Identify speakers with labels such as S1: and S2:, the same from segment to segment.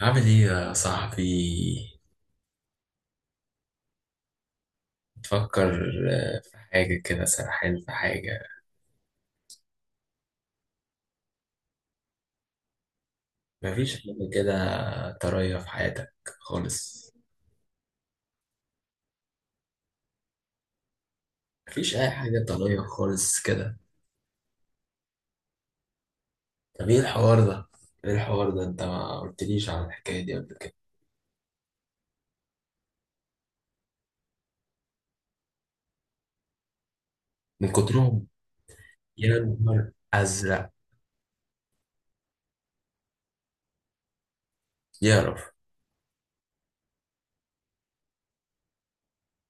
S1: عامل ايه يا صاحبي؟ تفكر حاجة كده، سرحان في حاجة. مفيش حاجة كده طرية في حياتك خالص؟ مفيش أي حاجة طرية خالص كده؟ طب ايه الحوار ده؟ ايه الحوار ده، انت ما قلتليش عن الحكاية دي قبل كده. من كترهم. يا نهار أزرق. يعرف.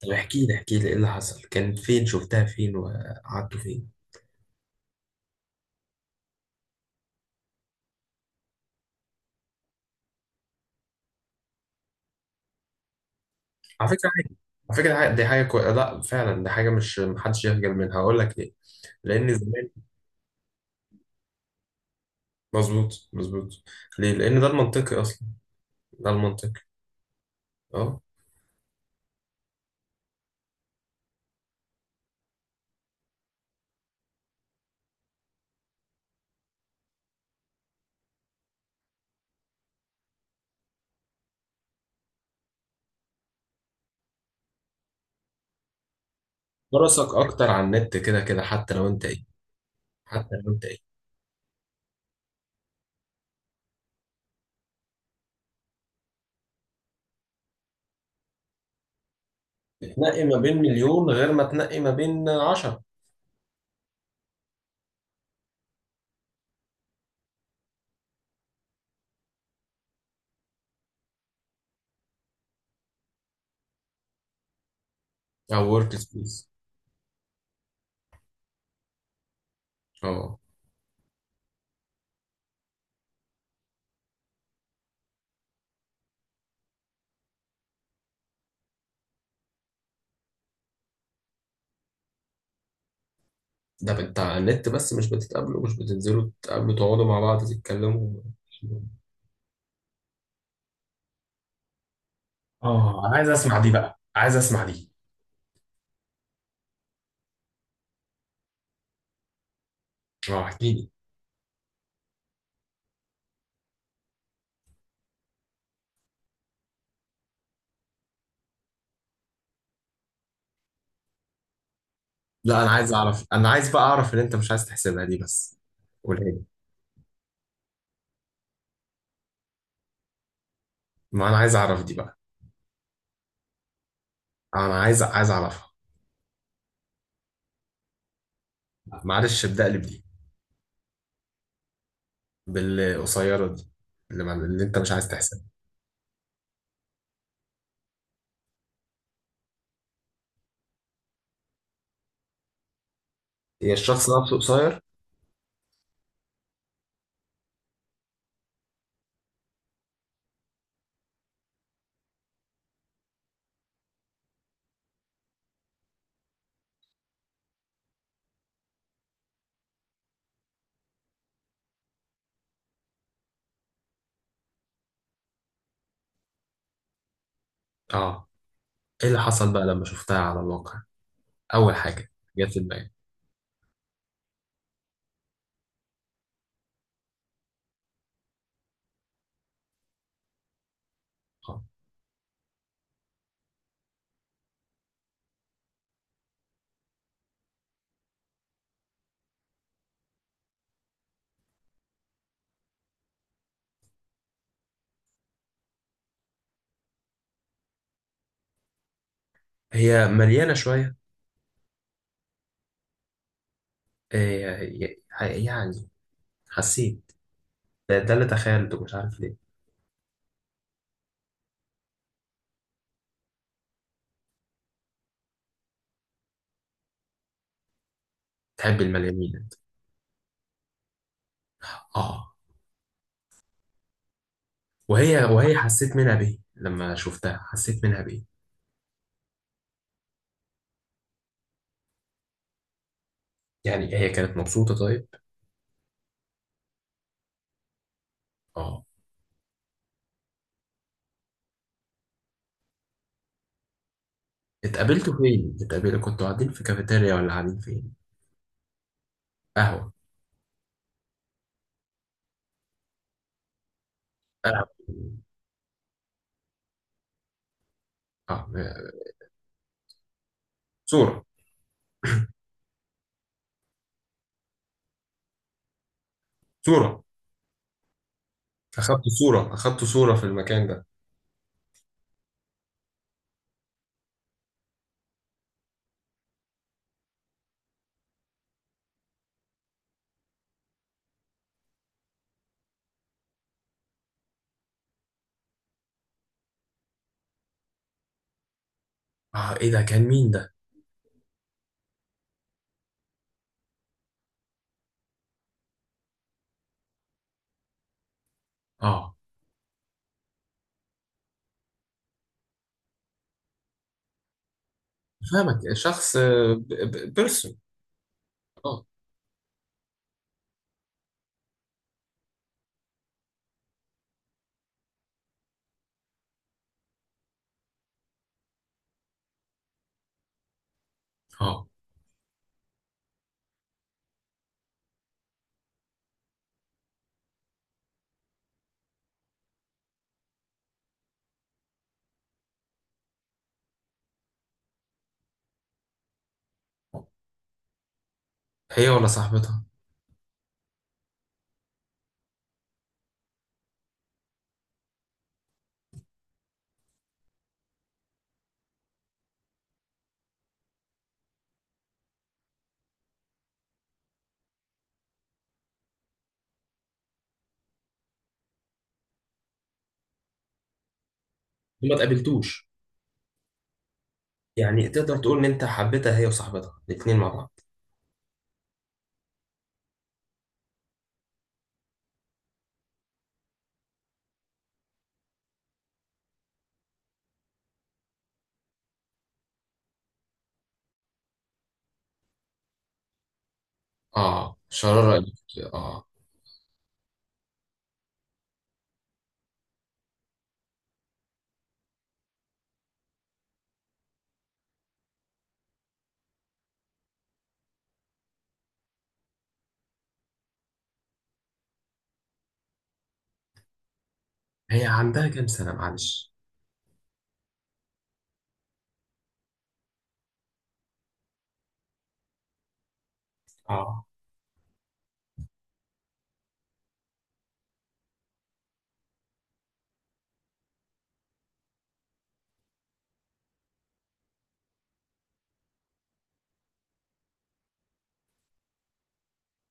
S1: طب احكي لي احكي لي ايه اللي حصل، كان فين، شفتها فين، وقعدتوا فين؟ على فكرة حاجة على فكرة حاجة، دي حاجة كويسة، لا فعلا دي حاجة مش محدش يخجل منها، هقول لك ليه. لأن زمان. مظبوط مظبوط. ليه؟ لان ده المنطقي اصلا، ده المنطقي. اه. فرصك اكتر على النت كده كده، حتى لو انت ايه، حتى لو انت ايه، تنقي ما بين مليون غير ما تنقي ما بين عشرة. او ورك سبيس. اه. ده انت على النت بس، مش بتتقابلوا، مش بتنزلوا تقابلوا تقعدوا مع بعض تتكلموا؟ اه انا عايز اسمع دي بقى، عايز اسمع دي. اه احكي لي. لا انا عايز اعرف، انا عايز بقى اعرف ان انت مش عايز تحسبها دي، بس قولها لي. ما انا عايز اعرف دي بقى. انا عايز اعرفها. معلش ابدا لي بدي، بالقصيرة دي، اللي انت مش عايز تحسبها. هي الشخص نفسه قصير؟ اه ايه اللي حصل بقى لما شفتها على الواقع؟ اول حاجة جت في دماغي. اه هي مليانة شوية؟ إيه، يعني حسيت. ده اللي تخيلته، مش عارف ليه. تحب المليانين انت؟ اه وهي حسيت منها بيه، لما شفتها حسيت منها بيه. يعني هي كانت مبسوطة طيب؟ اه. اتقابلتوا فين؟ اتقابلتوا كنتوا قاعدين في كافيتيريا ولا قاعدين فين؟ قهوة. قهوة. اه. صورة. صورة. اخدت صورة، اخدت صورة في المكان ده. اه ايه ده، كان مين ده؟ اه فاهمك. شخص. بيرسون. اه. اه هي ولا صاحبتها؟ ما تقابلتوش؟ يعني تقدر تقول ان انت حبيتها هي وصاحبتها الاثنين مع بعض؟ اه شرارة قلبك. اه. هي عندها كام سنة معلش؟ اه.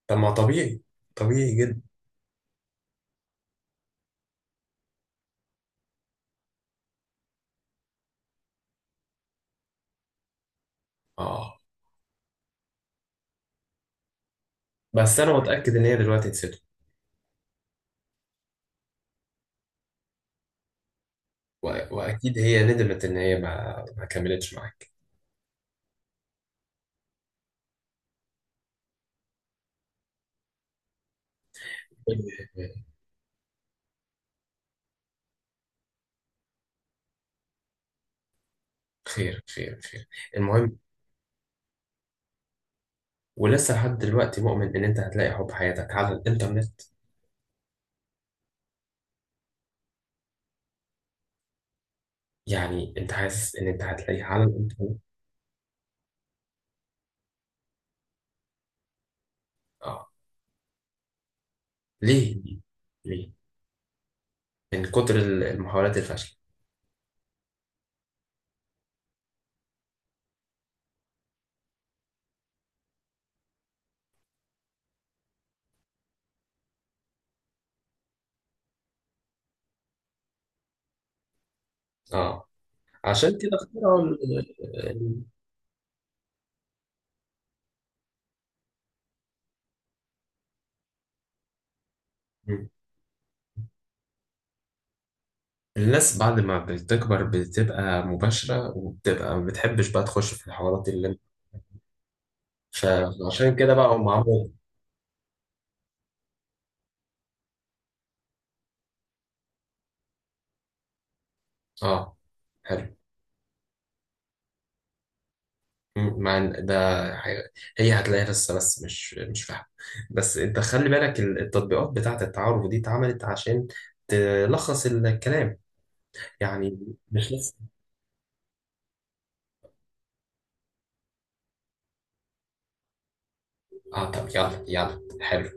S1: طب ما طبيعي، طبيعي جدا. اه بس انا متأكد ان هي دلوقتي نسيته. و... واكيد هي ندمت ان هي ما كملتش معاك. خير خير خير. المهم، ولسه لحد دلوقتي مؤمن ان انت هتلاقي حب حياتك على الانترنت؟ يعني انت حاسس ان انت هتلاقيه على الانترنت؟ اه. ليه؟ ليه؟ من كتر ال- المحاولات الفاشله؟ اه. عشان كده اخترعوا ال- الناس بعد ما بتكبر بتبقى مباشره وبتبقى ما بتحبش بقى تخش في الحوارات اللي انت. فعشان كده بقى هم عملوا. اه. حلو. مع ال- ده. حاجة-. هي هتلاقيها لسه، بس مش فاهمة. بس انت خلي بالك ال- التطبيقات بتاعة التعارف دي اتعملت عشان تلخص الكلام، يعني مش لسه. اه طب يلا يلا حلو.